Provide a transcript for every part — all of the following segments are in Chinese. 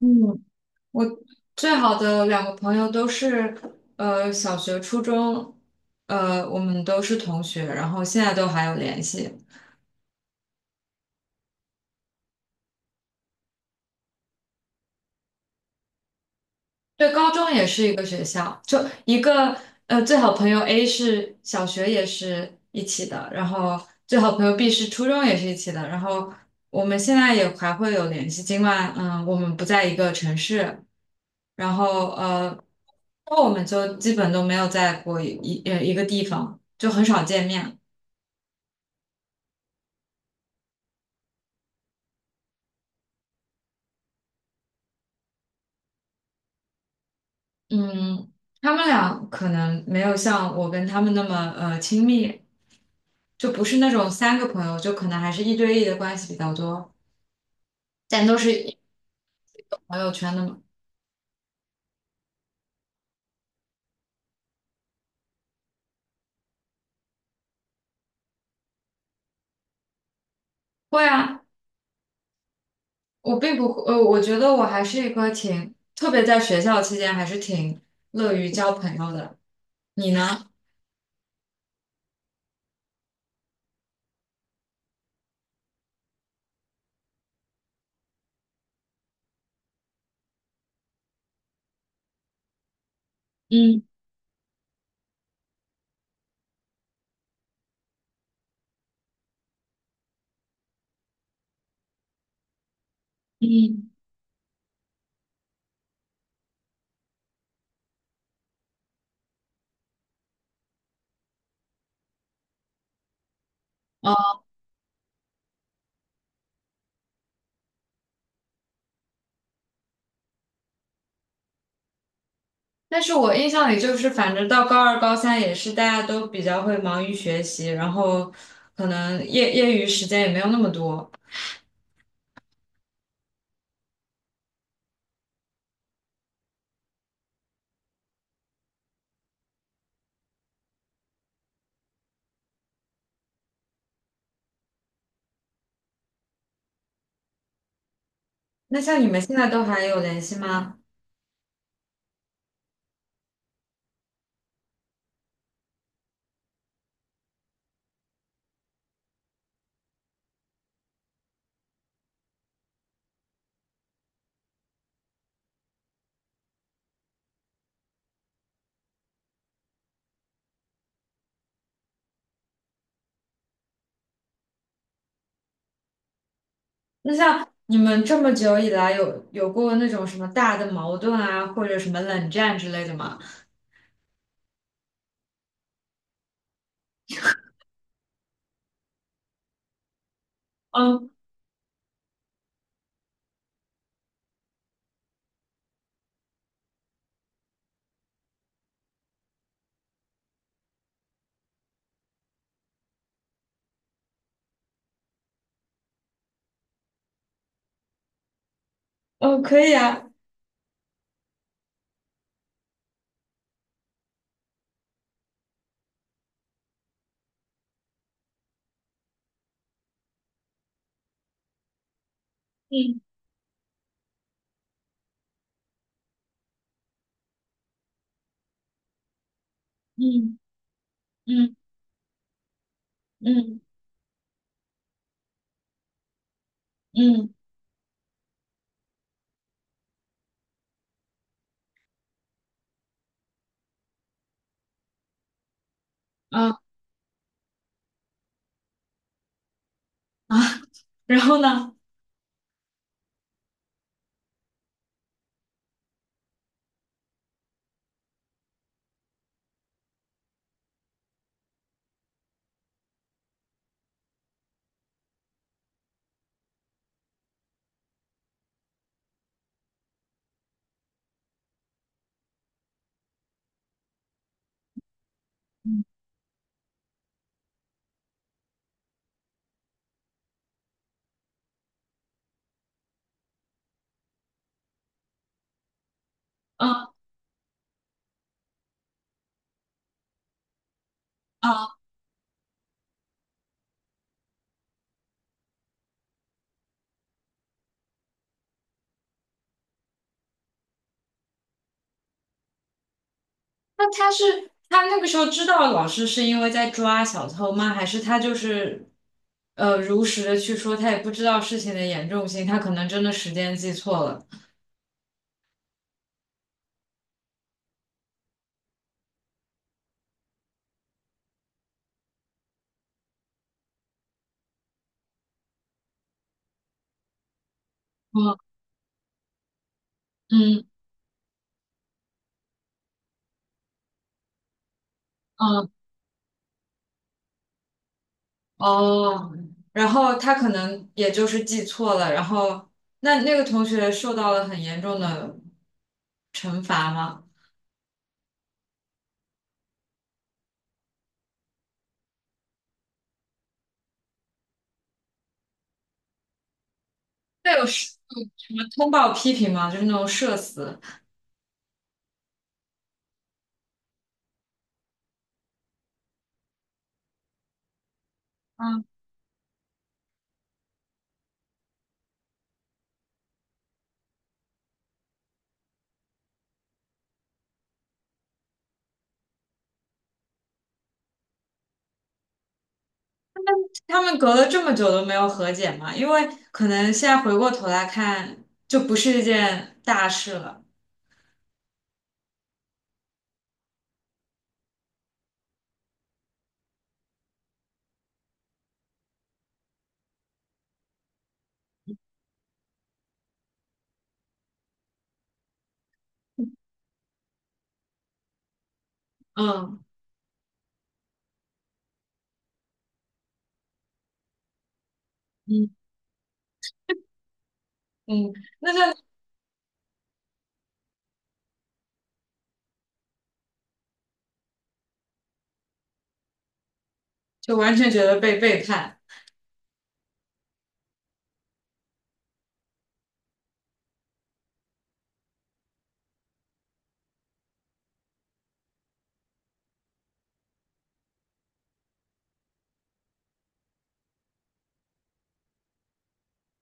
嗯，我最好的两个朋友都是，小学、初中，我们都是同学，然后现在都还有联系。对，高中也是一个学校，就一个呃，最好朋友 A 是小学也是一起的，然后最好朋友 B 是初中也是一起的，然后我们现在也还会有联系，尽管我们不在一个城市，然后那我们就基本都没有在过一个地方，就很少见面。嗯，他们俩可能没有像我跟他们那么亲密，就不是那种三个朋友，就可能还是一对一的关系比较多。咱都是朋友圈的吗？会啊，我并不会，我觉得我还是一个挺，特别在学校期间还是挺乐于交朋友的。你呢？嗯嗯，哦，但是我印象里就是，反正到高二、高三也是大家都比较会忙于学习，然后可能业余时间也没有那么多。那像你们现在都还有联系吗？那像你们这么久以来有过那种什么大的矛盾啊，或者什么冷战之类的吗？嗯嗯，可以啊。嗯。嗯。嗯。嗯。嗯。啊。啊，然后呢？嗯。啊。啊，那他是他那个时候知道老师是因为在抓小偷吗？还是他就是如实的去说，他也不知道事情的严重性，他可能真的时间记错了。嗯。嗯。嗯。哦，然后他可能也就是记错了，然后那个同学受到了很严重的惩罚吗？对，有你们通报批评吗？就是那种社死。嗯，他们隔了这么久都没有和解嘛，因为可能现在回过头来看，就不是一件大事了。嗯。嗯。嗯，那像就完全觉得被背叛。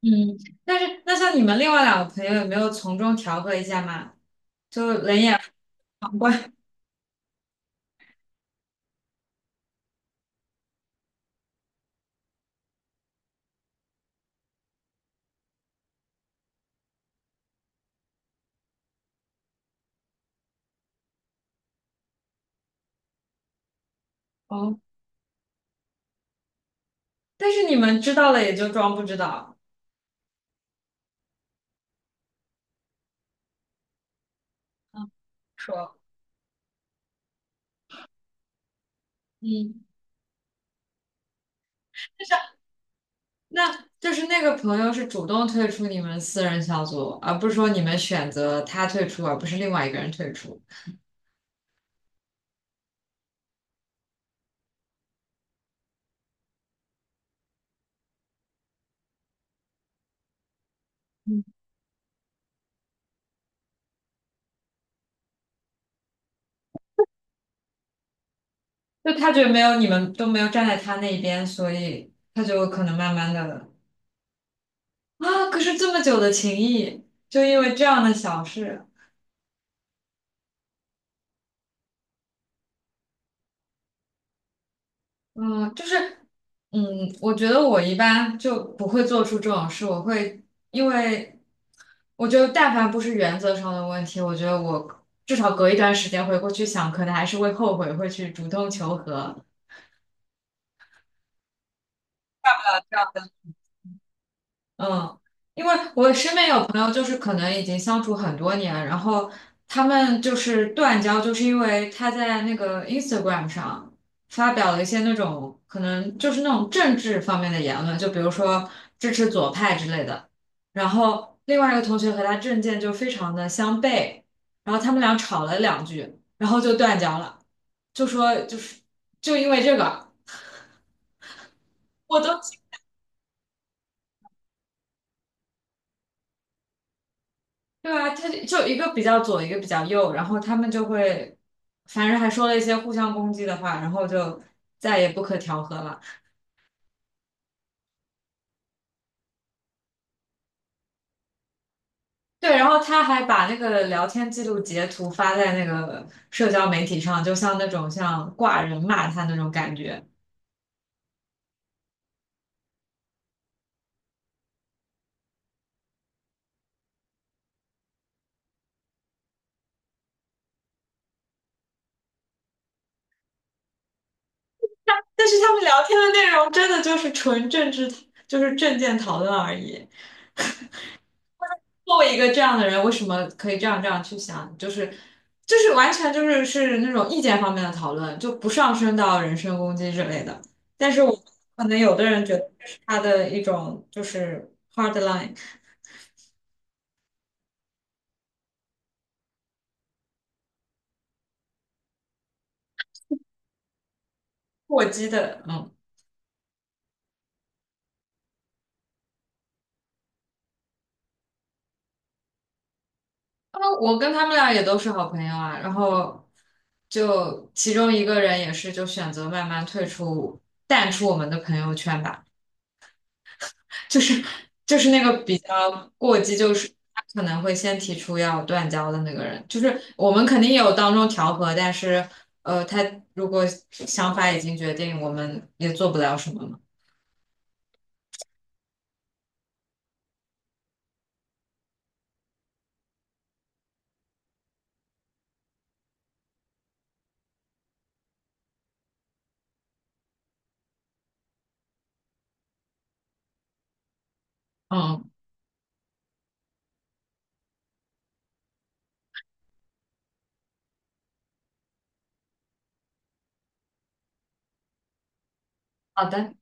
嗯，但是那像你们另外两个朋友有没有从中调和一下嘛？就冷眼旁观。哦，但是你们知道了也就装不知道。嗯，说。嗯。那就是那个朋友是主动退出你们私人小组，而不是说你们选择他退出，而不是另外一个人退出。嗯，就他觉得没有你们都没有站在他那边，所以他就可能慢慢的。啊，可是这么久的情谊，就因为这样的小事，嗯，就是嗯，我觉得我一般就不会做出这种事，我会因为我觉得但凡不是原则上的问题，我觉得我至少隔一段时间回过去想，可能还是会后悔，会去主动求和。嗯，因为我身边有朋友，就是可能已经相处很多年，然后他们就是断交，就是因为他在那个 Instagram 上发表了一些那种可能就是那种政治方面的言论，就比如说支持左派之类的。然后另外一个同学和他政见就非常的相悖，然后他们俩吵了两句，然后就断交了，就说就是就因为这个，我都对啊，他就就一个比较左，一个比较右，然后他们就会，反正还说了一些互相攻击的话，然后就再也不可调和了。对，然后他还把那个聊天记录截图发在那个社交媒体上，就像那种像挂人骂他那种感觉。但是他们聊天的内容真的就是纯政治，就是政见讨论而已。作为一个这样的人，为什么可以这样去想？就是就是完全就是是那种意见方面的讨论，就不上升到人身攻击之类的。但是我可能有的人觉得这是他的一种就是 hard line 过激的，嗯，啊，我跟他们俩也都是好朋友啊，然后。就其中一个人也是就选择慢慢退出、淡出我们的朋友圈吧。就是就是那个比较过激，就是他可能会先提出要断交的那个人，就是我们肯定也有当中调和，但是他如果想法已经决定，我们也做不了什么嘛。嗯，好的。